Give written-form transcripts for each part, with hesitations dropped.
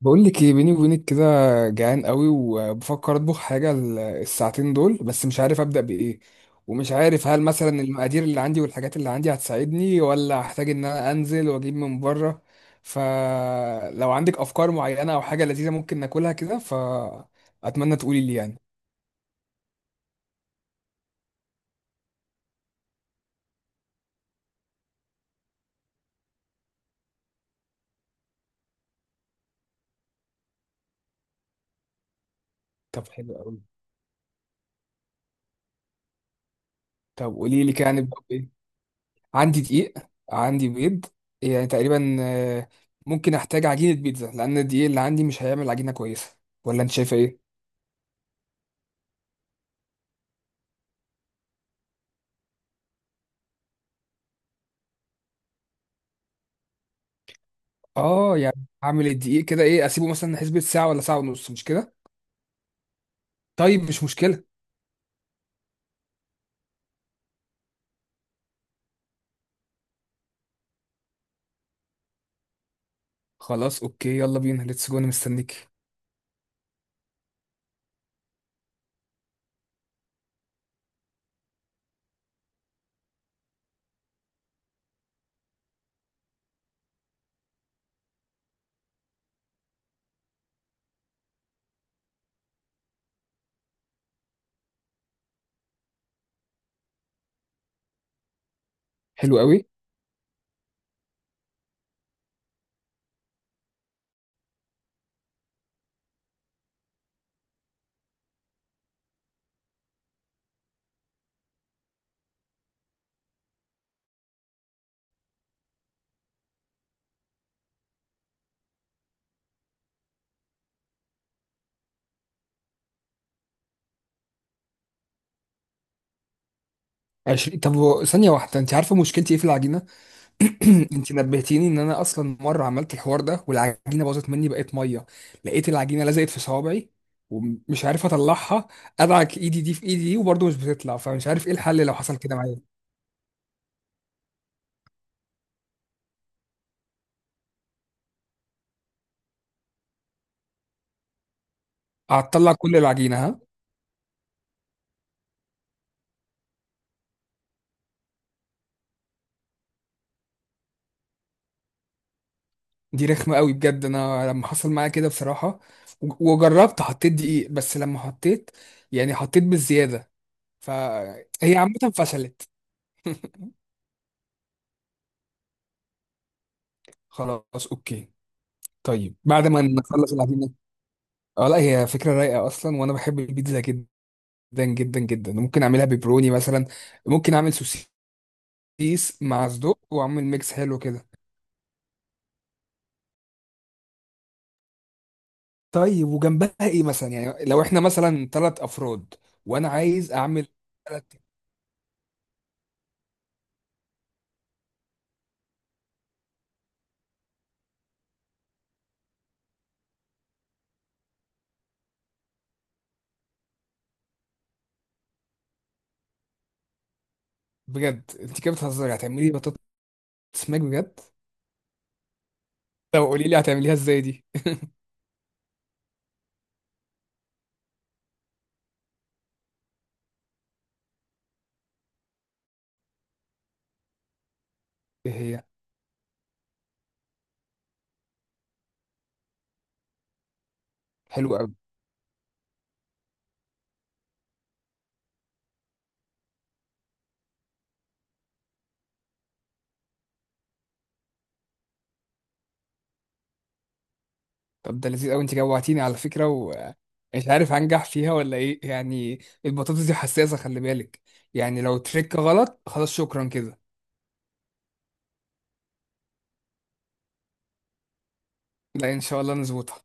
بقول لك ايه بيني وبينك كده. جعان قوي وبفكر اطبخ حاجه الساعتين دول، بس مش عارف ابدا بايه. ومش عارف هل مثلا المقادير اللي عندي والحاجات اللي عندي هتساعدني، ولا هحتاج ان انا انزل واجيب من بره. فلو عندك افكار معينه او حاجه لذيذه ممكن ناكلها كده، فاتمنى تقولي لي يعني. طب حلو قوي. طب قولي لي كده هنبدا بايه؟ عندي دقيق. عندي بيض. يعني تقريبا، ممكن احتاج عجينه بيتزا، لان الدقيق اللي عندي مش هيعمل عجينه كويسه. ولا انت شايفه ايه؟ اه، يعني هعمل الدقيق كده ايه، اسيبه مثلا حسبة ساعة ولا ساعة ونص، مش كده؟ طيب مش مشكلة. خلاص، اوكي، يلا بينا ليتس جو، انا مستنيك. حلو قوي. 20، طب ثانية واحدة، انت عارفة مشكلتي ايه في العجينة؟ انت نبهتيني ان انا اصلا مرة عملت الحوار ده، والعجينة باظت مني، بقت مية. لقيت العجينة لزقت في صوابعي، ومش عارف اطلعها. ادعك ايدي دي في ايدي دي وبرضه مش بتطلع، فمش عارف ايه الحل لو حصل كده معايا. هتطلع كل العجينة، ها؟ دي رخمة قوي بجد. انا لما حصل معايا كده بصراحة وجربت حطيت دقيق، بس لما حطيت يعني حطيت بالزيادة، فهي عامة فشلت. خلاص اوكي. طيب بعد ما نخلص العجينة، اه لا هي فكرة رايقة اصلا، وانا بحب البيتزا جدا جدا جدا. ممكن اعملها بيبروني مثلا. ممكن اعمل سوسيس مع صدق، واعمل ميكس حلو كده. طيب وجنبها ايه مثلا؟ يعني لو احنا مثلا ثلاث افراد، وانا عايز اعمل. تلات. بجد انت كده بتهزري، هتعملي اسماك بجد؟ طب قولي لي هتعمليها ازاي دي. ايه هي؟ حلو قوي. طب ده لذيذ قوي، انت جوعتيني على فكره، ومش عارف هنجح فيها ولا ايه يعني. البطاطس دي حساسه، خلي بالك. يعني لو تريك غلط، خلاص شكرا كده. لا، ان شاء الله نظبطها.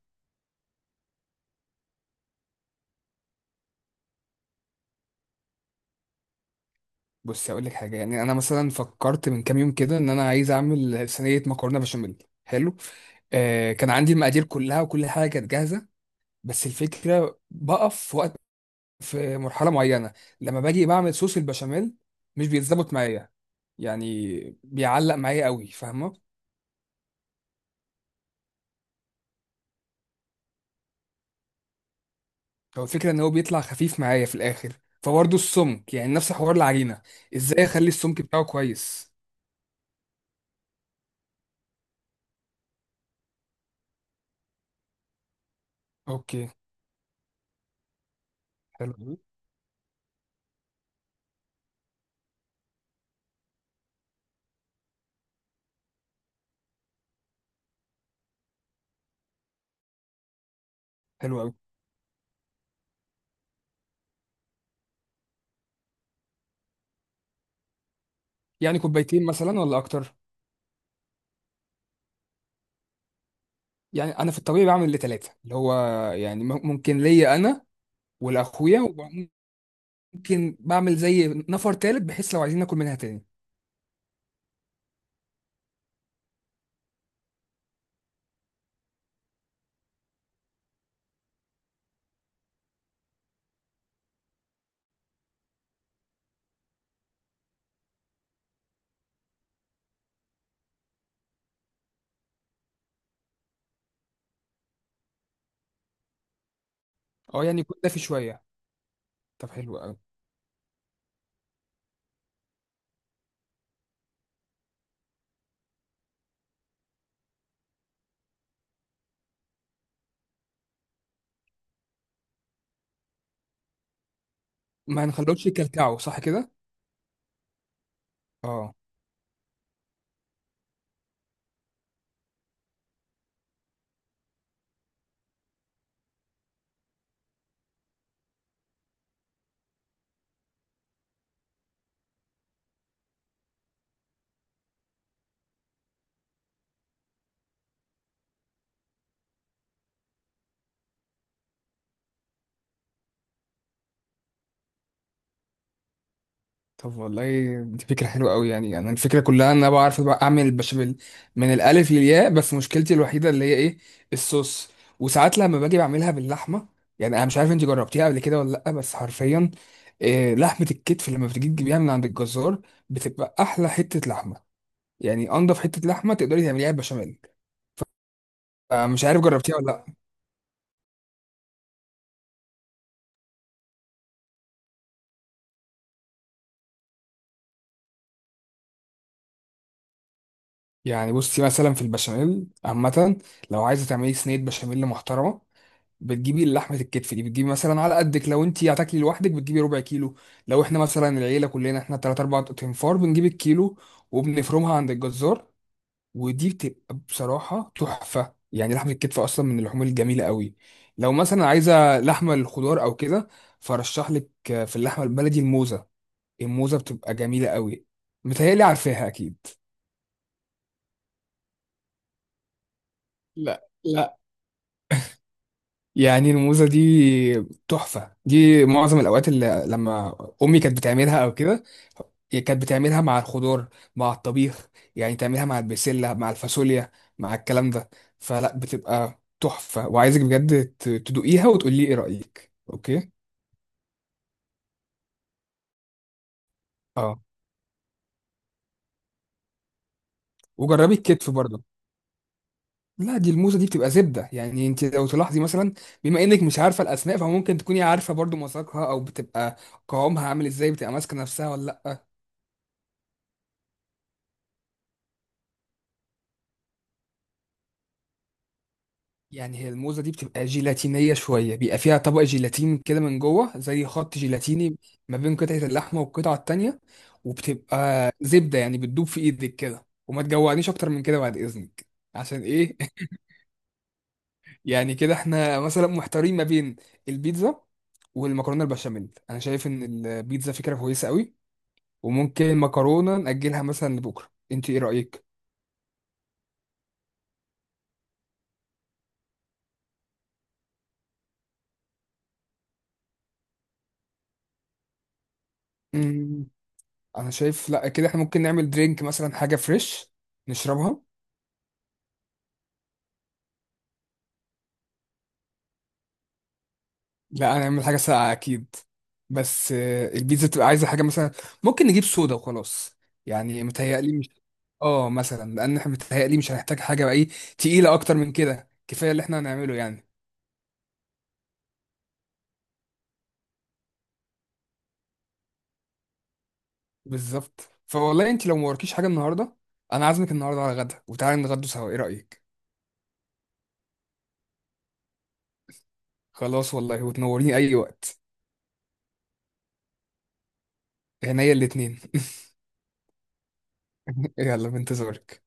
بصي اقول لك حاجه، يعني انا مثلا فكرت من كام يوم كده ان انا عايز اعمل صينيه مكرونه بشاميل حلو. آه كان عندي المقادير كلها، وكل حاجه كانت جاهزه. بس الفكره بقف في وقت، في مرحله معينه، لما باجي بعمل صوص البشاميل مش بيتظبط معايا. يعني بيعلق معايا قوي، فاهمه؟ هو الفكره ان هو بيطلع خفيف معايا في الاخر. فبرضه السمك، يعني نفس حوار العجينه، ازاي اخلي السمك بتاعه كويس. اوكي. حلو. مم. حلو قوي. يعني كوبايتين مثلا ولا اكتر؟ يعني انا في الطبيعي بعمل لثلاثه، اللي هو يعني ممكن ليا انا والاخويا، وممكن بعمل زي نفر تالت، بحيث لو عايزين ناكل منها تاني. اه، يعني يكون دافي شويه. طب حلو قوي. ما نخلوش يكلكعوا، صح كده؟ اه. طب والله دي فكره حلوه قوي. يعني انا الفكره كلها ان انا بعرف بقى اعمل البشاميل من الالف للياء، بس مشكلتي الوحيده اللي هي ايه، الصوص. وساعات لما باجي بعملها باللحمه، يعني انا مش عارف انت جربتيها قبل كده ولا لا، بس حرفيا إيه لحمه الكتف لما بتجي تجيبيها من عند الجزار، بتبقى احلى حته لحمه. يعني انضف حته لحمه تقدري تعمليها بشاميل. مش عارف جربتيها ولا لا. يعني بصي مثلا في البشاميل عامه، لو عايزه تعملي صينيه بشاميل محترمه، بتجيبي لحمه الكتف دي. بتجيبي مثلا على قدك، لو انت هتاكلي لوحدك بتجيبي ربع كيلو. لو احنا مثلا العيله كلنا احنا تلات اربع تنفار، بنجيب الكيلو، وبنفرمها عند الجزار. ودي بتبقى بصراحه تحفه. يعني لحمه الكتف اصلا من اللحوم الجميله قوي. لو مثلا عايزه لحمه الخضار او كده، فرشح لك في اللحمه البلدي الموزه. الموزه بتبقى جميله قوي، متهيألي عارفاها اكيد. لا لا، يعني الموزة دي تحفة. دي معظم الأوقات اللي لما أمي كانت بتعملها أو كده، هي كانت بتعملها مع الخضار، مع الطبيخ. يعني تعملها مع البسلة مع الفاصوليا مع الكلام ده. فلا بتبقى تحفة، وعايزك بجد تدوقيها وتقولي لي ايه رأيك، اوكي؟ اه. وجربي الكتف برضه. لا، دي الموزة دي بتبقى زبدة. يعني انت لو تلاحظي مثلا، بما انك مش عارفة الاسماء، فممكن تكوني عارفة برضه مذاقها، او بتبقى قوامها عامل ازاي، بتبقى ماسكة نفسها ولا لا. يعني هي الموزة دي بتبقى جيلاتينية شوية. بيبقى فيها طبق جيلاتين كده من جوه، زي خط جيلاتيني ما بين قطعة اللحمة والقطعة التانية. وبتبقى زبدة يعني بتدوب في ايدك كده. وما تجوعنيش اكتر من كده بعد اذنك. عشان ايه؟ يعني كده احنا مثلا محتارين ما بين البيتزا والمكرونة البشاميل. انا شايف ان البيتزا فكرة كويسة قوي، وممكن المكرونة نأجلها مثلا لبكرة. انت ايه رأيك؟ مم، انا شايف لا كده احنا ممكن نعمل درينك، مثلا حاجة فريش نشربها. لا، هنعمل حاجة ساقعة أكيد. بس البيتزا تبقى عايزة حاجة مثلا. ممكن نجيب صودا وخلاص. يعني متهيألي مش. اه، مثلا، لأن احنا متهيألي مش هنحتاج حاجة بقى ايه تقيلة أكتر من كده، كفاية اللي احنا هنعمله يعني. بالظبط. فوالله انت لو موركيش حاجة النهاردة، أنا عازمك النهاردة على غدا، وتعالى نتغدوا سوا، ايه رأيك؟ خلاص والله، وتنوريني أي وقت. عينيا الاتنين. يلا بنتظرك.